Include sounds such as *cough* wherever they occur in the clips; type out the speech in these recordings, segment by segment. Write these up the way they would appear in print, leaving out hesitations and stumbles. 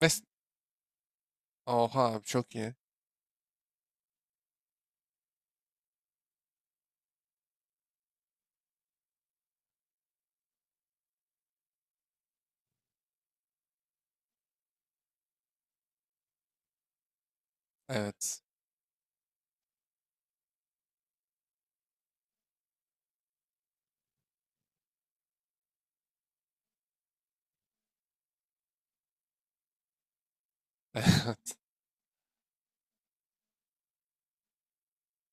Mes Oha çok iyi. Evet. *laughs* Evet.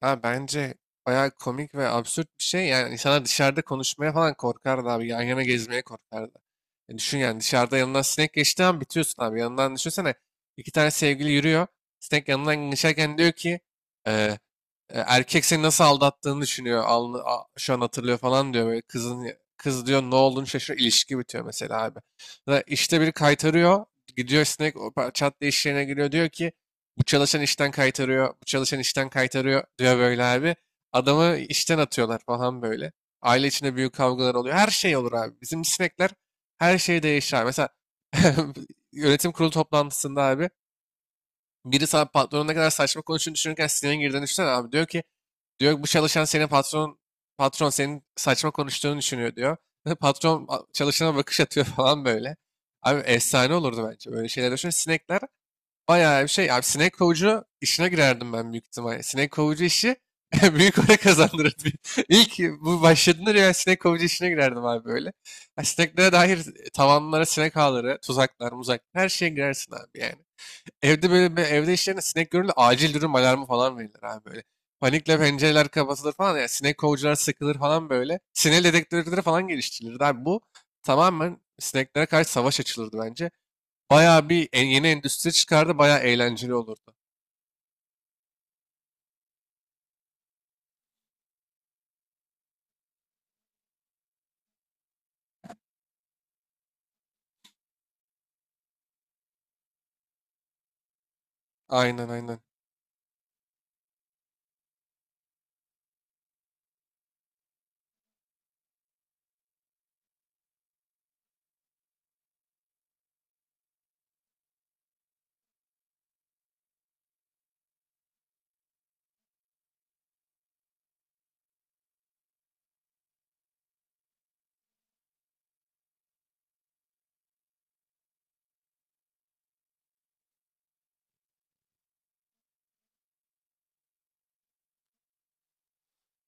Ha Bence bayağı komik ve absürt bir şey. Yani insanlar dışarıda konuşmaya falan korkardı abi. Yan yana gezmeye korkardı. E düşün yani dışarıda yanından sinek geçti an bitiyorsun abi. Yanından düşünsene iki tane sevgili yürüyor. Sinek yanından geçerken diyor ki e, Erkek seni nasıl aldattığını düşünüyor. Şu an hatırlıyor falan diyor. Böyle kız diyor, ne olduğunu şaşırıyor. İlişki bitiyor mesela abi. Da işte biri kaytarıyor. Gidiyor sinek, çat diye iş yerine giriyor. Diyor ki bu çalışan işten kaytarıyor. Bu çalışan işten kaytarıyor diyor böyle abi. Adamı işten atıyorlar falan böyle. Aile içinde büyük kavgalar oluyor. Her şey olur abi. Bizim sinekler, her şey değişir abi. Mesela *laughs* yönetim kurulu toplantısında abi, biri sana patronun ne kadar saçma konuştuğunu düşünürken sinirin girdiğini düşünsene abi. Diyor ki, bu çalışan senin patron senin saçma konuştuğunu düşünüyor diyor. *laughs* Patron çalışana bakış atıyor *laughs* falan böyle. Abi efsane olurdu bence, böyle şeyler düşün. Sinekler bayağı bir şey. Abi sinek kovucu işine girerdim ben büyük ihtimalle. Sinek kovucu işi *laughs* büyük para kazandırırdı. *laughs* İlk bu başladığında ya sinek kovucu işine girerdim abi böyle. Ya sineklere dair tavanlara sinek ağları, tuzaklar, muzak, her şeye girersin abi yani. Evde böyle evde işlerinde sinek görülür, acil durum alarmı falan verilir abi böyle. Panikle pencereler kapatılır falan, ya sinek kovucular sıkılır falan böyle. Sinek dedektörleri falan geliştirilirdi abi. Bu tamamen sineklere karşı savaş açılırdı bence. Bayağı bir yeni endüstri çıkardı, bayağı eğlenceli olurdu. Aynen aynen.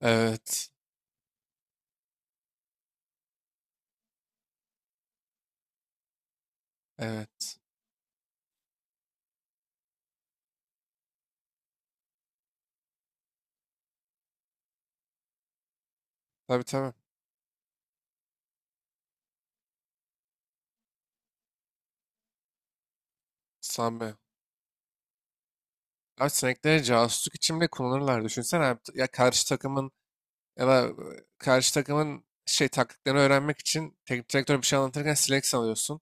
Evet. Evet. Tabii tabii. Sami. Abi sinekleri casusluk için bile kullanırlar. Düşünsene abi. Ya karşı takımın ya da e, Karşı takımın şey, taktiklerini öğrenmek için teknik direktör bir şey anlatırken sinek sanıyorsun.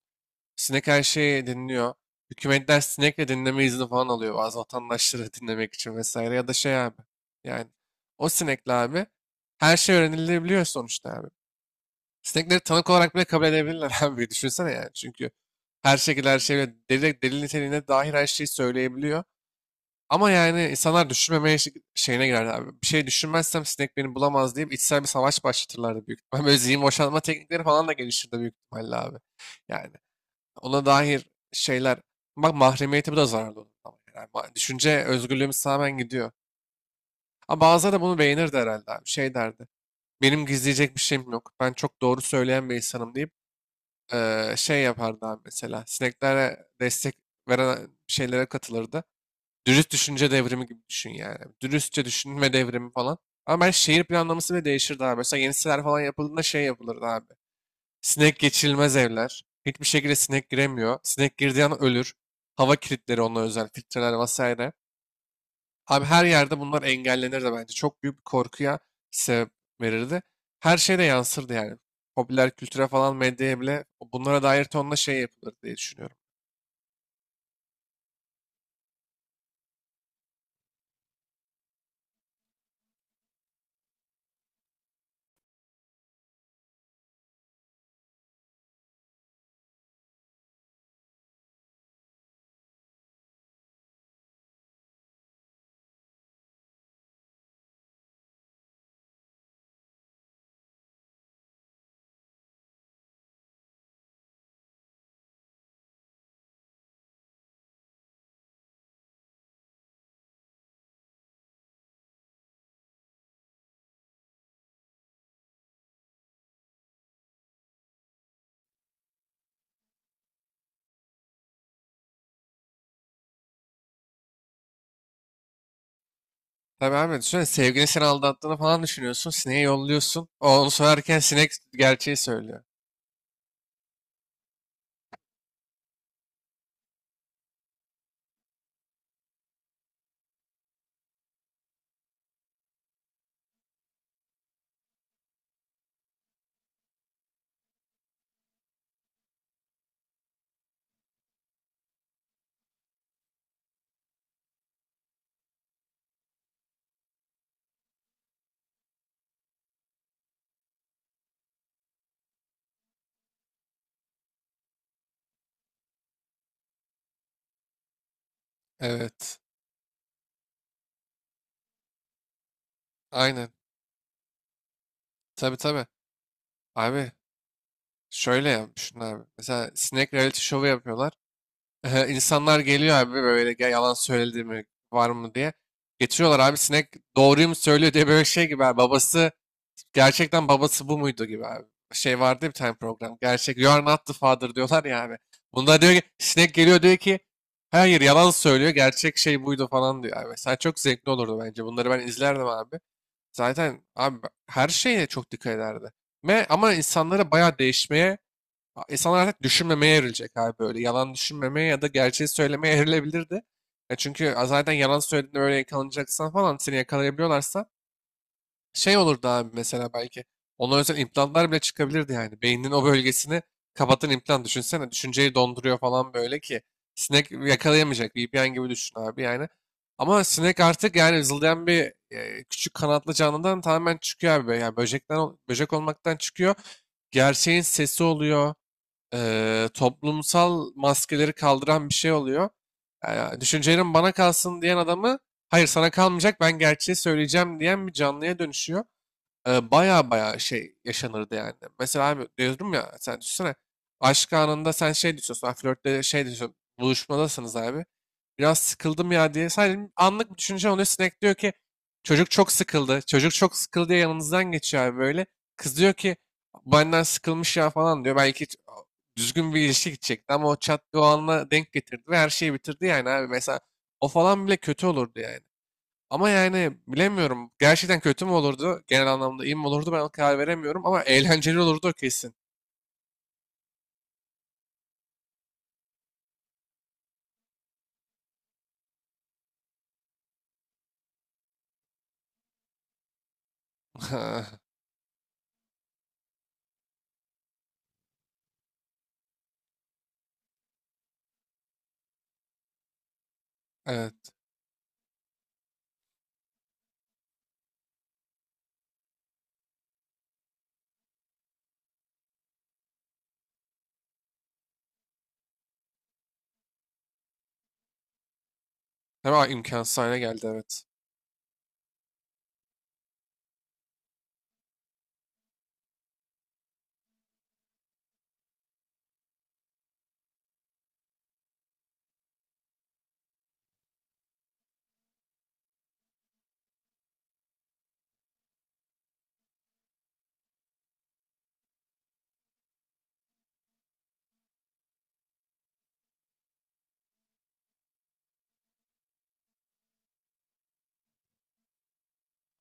Sinek her şeyi dinliyor. Hükümetler sinekle dinleme izni falan alıyor, bazı vatandaşları *laughs* dinlemek için vesaire. Ya da şey abi. Yani o sinekle abi her şey öğrenilebiliyor sonuçta abi. Sinekleri tanık olarak bile kabul edebilirler *laughs* abi. Düşünsene yani. Çünkü her şekilde her şeyle delil, delil niteliğine dair her şeyi söyleyebiliyor. Ama yani insanlar düşünmemeye şeyine girer abi. Bir şey düşünmezsem sinek beni bulamaz deyip içsel bir savaş başlatırlardı büyük ihtimalle. Böyle zihin boşaltma teknikleri falan da gelişirdi büyük ihtimalle abi. Yani ona dair şeyler, bak mahremiyeti bu da zararlı olur, ama yani düşünce özgürlüğümüz tamamen gidiyor. Ama bazıları da bunu beğenirdi herhalde abi. Şey derdi. Benim gizleyecek bir şeyim yok. Ben çok doğru söyleyen bir insanım deyip şey yapardı abi mesela. Sineklere destek veren şeylere katılırdı. Dürüst düşünce devrimi gibi düşün yani. Dürüstçe düşünme devrimi falan. Ama ben şehir planlaması bile değişirdi abi. Mesela yeni siteler falan yapıldığında şey yapılırdı abi. Sinek geçirilmez evler. Hiçbir şekilde sinek giremiyor. Sinek girdiği an ölür. Hava kilitleri onunla özel, filtreler vesaire. Abi her yerde bunlar engellenir de bence. Çok büyük bir korkuya sebep verirdi. Her şeye de yansırdı yani. Popüler kültüre falan, medyaya bile, bunlara dair tonla şey yapılır diye düşünüyorum. Tabii abi, düşünsene sevgilin seni aldattığını falan düşünüyorsun. Sineği yolluyorsun. O onu söylerken sinek gerçeği söylüyor. Evet. Aynen. Tabii tabii. Abi şöyle yapmışsın abi. Mesela sinek reality show'u yapıyorlar. İnsanlar geliyor abi böyle, "Ya yalan söyledi mi var mı" diye. Getiriyorlar abi, sinek doğruyu mu söylüyor diye, böyle şey gibi abi. Gerçekten babası bu muydu gibi abi. Şey vardı ya bir tane program. Gerçek you are not the father diyorlar ya abi. Bunda diyor ki, sinek geliyor diyor ki, hayır yalan söylüyor, gerçek şey buydu falan diyor abi. Mesela çok zevkli olurdu bence. Bunları ben izlerdim abi. Zaten abi her şeye çok dikkat ederdi. Ve, ama insanlara bayağı değişmeye A- İnsanlar artık düşünmemeye evrilecek abi böyle. Yalan düşünmemeye ya da gerçeği söylemeye evrilebilirdi. Ya çünkü zaten yalan söylediğinde böyle yakalanacaksan falan, seni yakalayabiliyorlarsa şey olurdu abi mesela, belki. Ona özel implantlar bile çıkabilirdi yani. Beyninin o bölgesini kapatan implant düşünsene. Düşünceyi donduruyor falan böyle ki. Sinek yakalayamayacak. VPN gibi düşün abi yani. Ama sinek artık yani zıldayan bir küçük kanatlı canlıdan tamamen çıkıyor abi. Yani böcekten, böcek olmaktan çıkıyor. Gerçeğin sesi oluyor, toplumsal maskeleri kaldıran bir şey oluyor. Yani düşüncelerin bana kalsın diyen adamı, hayır sana kalmayacak ben gerçeği söyleyeceğim diyen bir canlıya dönüşüyor. Baya baya şey yaşanırdı yani. Mesela abi diyorum ya, sen düşünsene, aşk anında sen şey diyorsun, flörtte şey diyorsun, buluşmadasınız abi, biraz sıkıldım ya diye. Sadece anlık bir düşünce oluyor. Sinek diyor ki çocuk çok sıkıldı. Çocuk çok sıkıldı diye yanınızdan geçiyor abi böyle. Kız diyor ki benden sıkılmış ya falan diyor. Düzgün bir ilişki gidecekti ama o çat o anla denk getirdi ve her şeyi bitirdi yani abi. Mesela o falan bile kötü olurdu yani. Ama yani bilemiyorum. Gerçekten kötü mü olurdu? Genel anlamda iyi mi olurdu? Ben karar veremiyorum ama eğlenceli olurdu o kesin. *laughs* Evet. Hemen imkansız hale geldi, evet.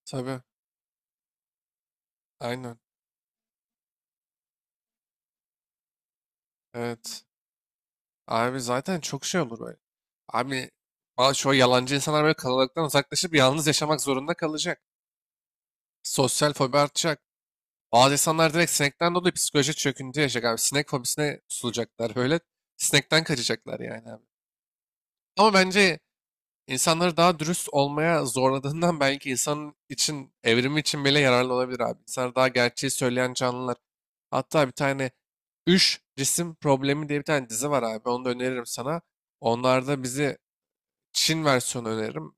Tabii. Aynen. Evet. Abi zaten çok şey olur böyle. Abi bazı şu yalancı insanlar böyle kalabalıktan uzaklaşıp yalnız yaşamak zorunda kalacak. Sosyal fobi artacak. Bazı insanlar direkt sinekten dolayı psikolojik çöküntü yaşayacak abi. Sinek fobisine tutulacaklar böyle. Sinekten kaçacaklar yani abi. Ama bence insanları daha dürüst olmaya zorladığından belki insanın için, evrimi için bile yararlı olabilir abi. İnsanlar daha gerçeği söyleyen canlılar. Hatta bir tane Üç Cisim Problemi diye bir tane dizi var abi. Onu da öneririm sana. Onlarda bizi, Çin versiyonu öneririm.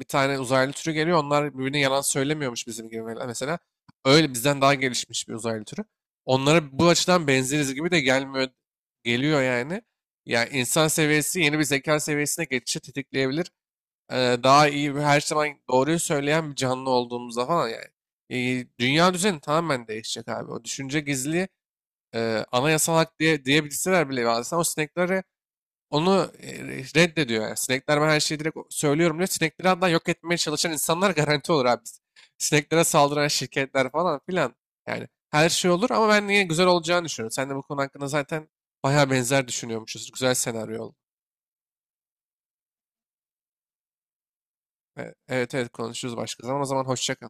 Bir tane uzaylı türü geliyor. Onlar birbirine yalan söylemiyormuş bizim gibi mesela. Öyle bizden daha gelişmiş bir uzaylı türü. Onlara bu açıdan benzeriz gibi de gelmiyor, geliyor yani. Yani insan seviyesi yeni bir zeka seviyesine geçişi tetikleyebilir. Daha iyi ve her zaman doğruyu söyleyen bir canlı olduğumuzda falan yani. Dünya düzeni tamamen değişecek abi. O düşünce gizli anayasal hak diye diyebilseler bile, bazen o sineklere onu reddediyor yani. Sinekler ben her şeyi direkt söylüyorum diyor. Sinekleri hatta yok etmeye çalışan insanlar garanti olur abi. Sineklere saldıran şirketler falan filan. Yani her şey olur ama ben niye güzel olacağını düşünüyorum. Sen de bu konu hakkında zaten bayağı benzer düşünüyormuşuz. Güzel senaryo oldu. Evet evet, konuşuruz başka zaman. O zaman hoşça kal.